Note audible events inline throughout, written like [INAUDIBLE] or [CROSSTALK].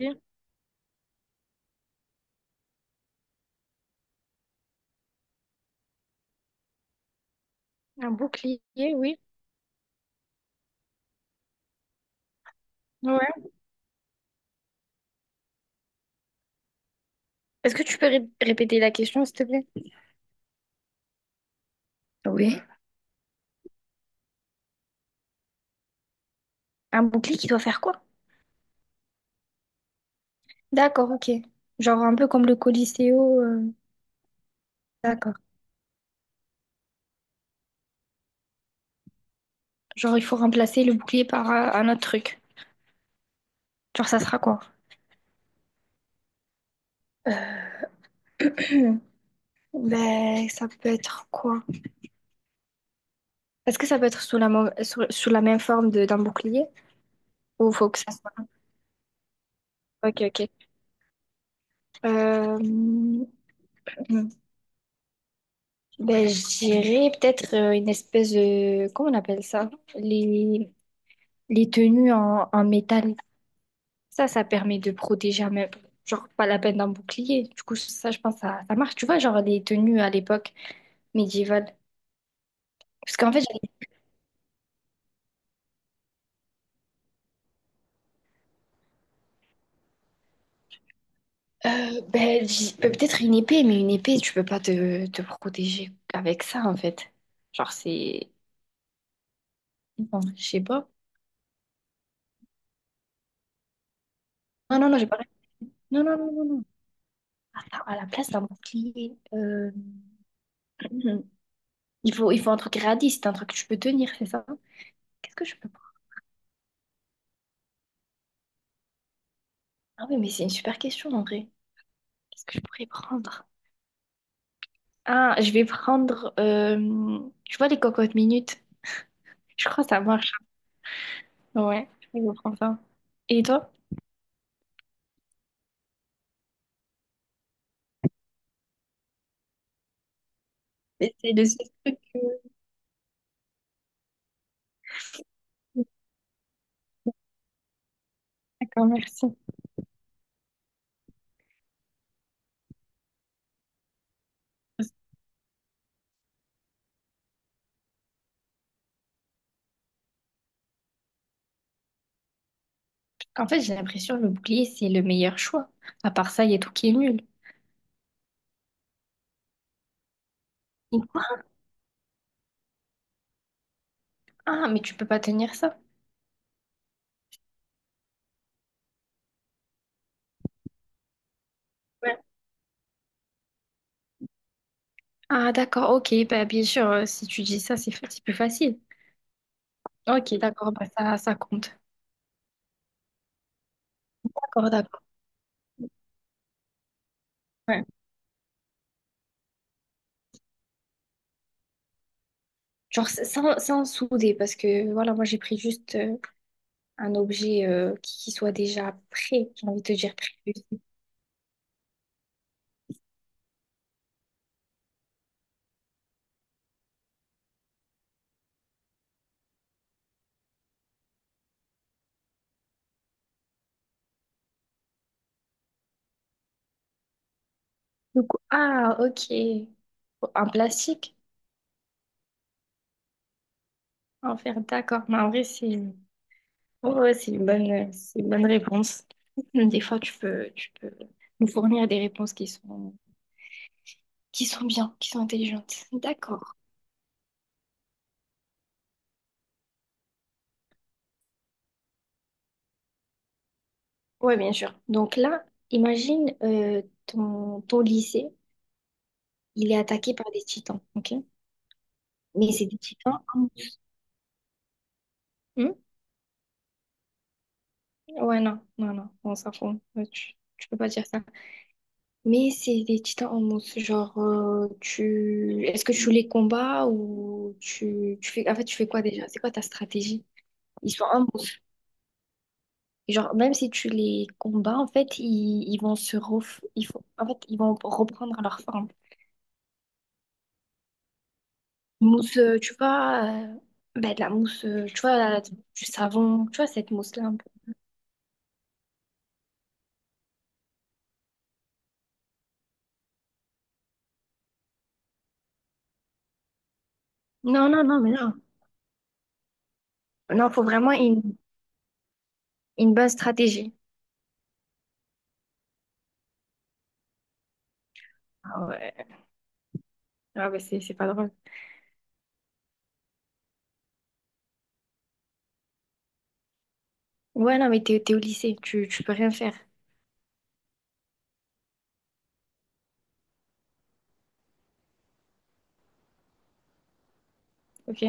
Un bouclier, oui. Ouais. Est-ce que tu peux répéter la question, s'il te plaît? Oui. Un bouclier qui doit faire quoi? D'accord, ok. Genre un peu comme le Coliseo. D'accord. Genre il faut remplacer le bouclier par un autre truc. Genre ça sera quoi? [CLEARS THROAT] Ben ça peut être quoi? Est-ce que ça peut être sous sous la même forme d'un bouclier? Ou faut que ça soit... Ok, ok. Euh, hmm, Ben je dirais peut-être une espèce de... Comment on appelle ça? Les tenues en métal. Ça permet de protéger, même, genre pas la peine d'un bouclier. Du coup, ça, je pense, ça marche. Tu vois, genre les tenues à l'époque médiévale. Parce qu'en fait, j'avais- peut-être une épée, mais une épée, tu peux pas te protéger avec ça, en fait. Genre, c'est... Non, je sais pas. Non, non, non, j'ai pas... Non, non, non, non, non. Attends, à la place d'un bouclier, [CLEARS THROAT] il faut un truc réaliste, un truc que tu peux tenir, c'est ça? Qu'est-ce que je peux prendre? Ah oui, mais c'est une super question, en vrai. Qu'est-ce que je pourrais prendre? Ah, je vais prendre. Je vois les cocottes minutes. Je crois que ça marche. Ouais, je crois que je prends ça. Et toi? C'est le seul truc que. D'accord, merci. Parce que... En fait, j'ai l'impression que le bouclier, c'est le meilleur choix. À part ça, il y a tout qui est nul. Et quoi? Ah, mais tu peux pas tenir ça. Ouais. Ah, d'accord, ok. Bah, bien sûr, si tu dis ça, c'est plus facile. Ok, d'accord, bah, ça compte. D'accord, d'accord. Ouais. Genre, sans souder, parce que voilà, moi, j'ai pris juste. Un objet qui soit déjà prêt, j'ai envie de te dire prévu. Donc, ah, ok. Un plastique? En faire, d'accord. Mais en vrai, ouais, c'est une bonne réponse. Des fois, tu peux nous fournir des réponses qui sont bien, qui sont intelligentes. D'accord. Oui, bien sûr. Donc là, imagine ton lycée, il est attaqué par des titans, ok? Mais c'est des titans. Hmm. Ouais, non, non, non, on s'en fout. Ouais, tu peux pas dire ça. Mais c'est des titans en mousse, genre tu est-ce que tu joues les combats tu fais en fait tu fais quoi déjà? C'est quoi ta stratégie? Ils sont en mousse. Et genre même si tu les combats en fait ils vont se ref... en fait ils vont reprendre leur forme. Mousse ben, de la mousse tu vois du savon tu vois cette mousse là un peu. Non non non mais non non, faut vraiment une bonne stratégie. Ah ouais ah ben c'est pas drôle. Ouais non mais t'es au lycée tu peux rien faire. Ok?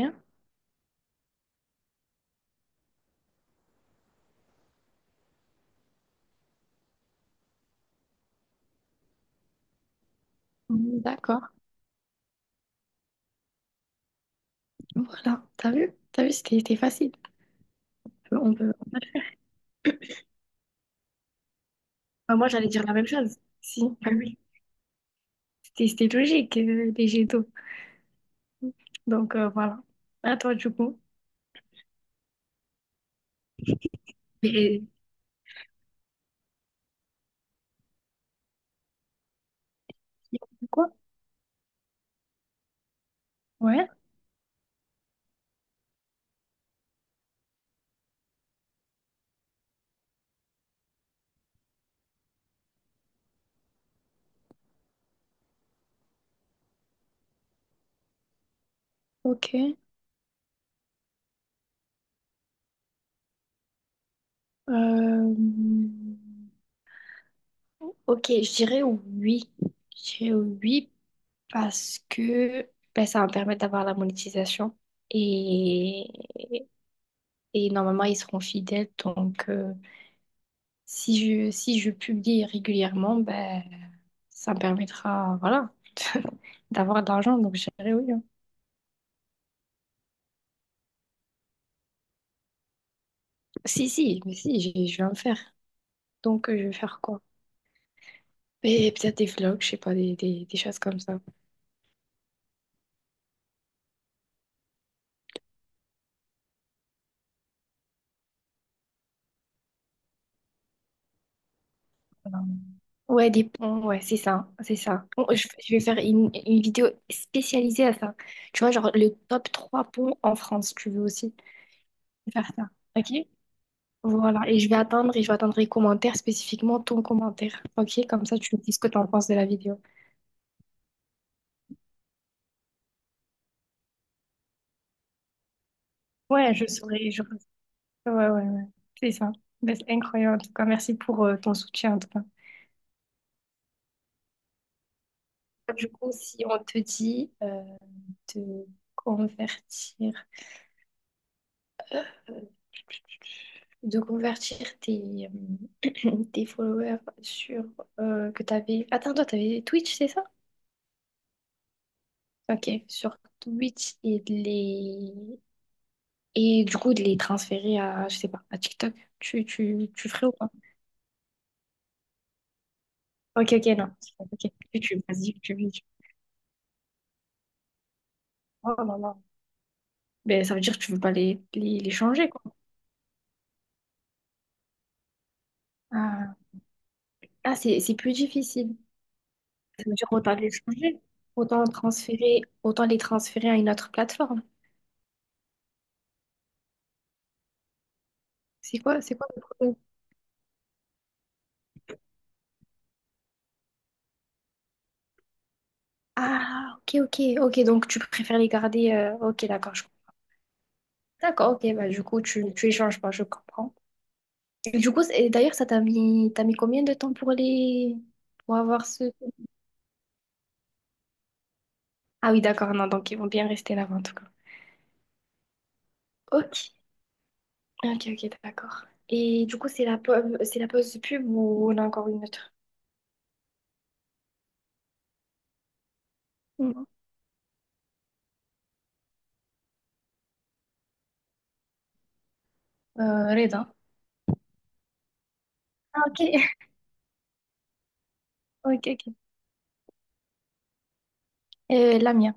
Mm, d'accord. Voilà. T'as vu? T'as vu, c'était facile. On peut... Enfin, moi, j'allais dire la même chose. Si, bah oui. C'était logique, les jets d'eau. Donc, voilà. À toi, du coup. Et... Quoi? Ouais. Ok. Euh, Ok, je dirais oui. Je dirais oui parce que ben, ça va me permettre d'avoir la monétisation. Et... et normalement, ils seront fidèles. Si je publie régulièrement, ben, ça me permettra, voilà, [LAUGHS] d'avoir de l'argent. Donc, je dirais oui. Hein. Si, si, mais si, Je vais en faire. Donc, je vais faire quoi? Et peut-être des vlogs, je sais pas, des choses comme ça. Voilà. Ouais, des ponts, ouais, c'est ça, c'est ça. Bon, je vais faire une vidéo spécialisée à ça. Tu vois, genre le top 3 ponts en France, tu veux aussi faire ça, ok? Voilà, et je vais attendre, et je vais attendre les commentaires, spécifiquement ton commentaire, ok? Comme ça, tu me dis ce que tu en penses de la vidéo. Ouais, je saurais. Je... Ouais, ouais, ouais. C'est ça. Ben, c'est incroyable. En tout cas, merci pour ton soutien, en tout cas. Du coup, si on te dit de convertir, euh, de convertir tes, [CLEARS THROAT] tes followers sur que t'avais. Attends, toi, t'avais Twitch, c'est ça? Ok, sur Twitch et du coup de les transférer à, je sais pas, à TikTok. Tu ferais ou pas? Ok, ok, non. Ok, YouTube, vas-y, YouTube, YouTube. Oh là là. Ben, ça veut dire que tu veux pas les changer, quoi. Ah. Ah, c'est plus difficile. Ça veut dire autant les changer, autant transférer, autant les transférer à une autre plateforme. C'est quoi le problème? Ah, ok, ok, ok, donc tu préfères les garder. Ok, d'accord, je comprends. D'accord, ok, bah, du coup, tu les changes pas, je comprends. Et du coup, c'est... d'ailleurs, t'as mis combien de temps pour les, pour avoir ce... Ah oui, d'accord, non, donc ils vont bien rester là-bas, en tout cas. Ok, ok, ok, d'accord. Et du coup, c'est la, c'est la pause pub ou on a encore une autre? Mm. Reda. Ah, ok, [LAUGHS] ok, ok. La mienne.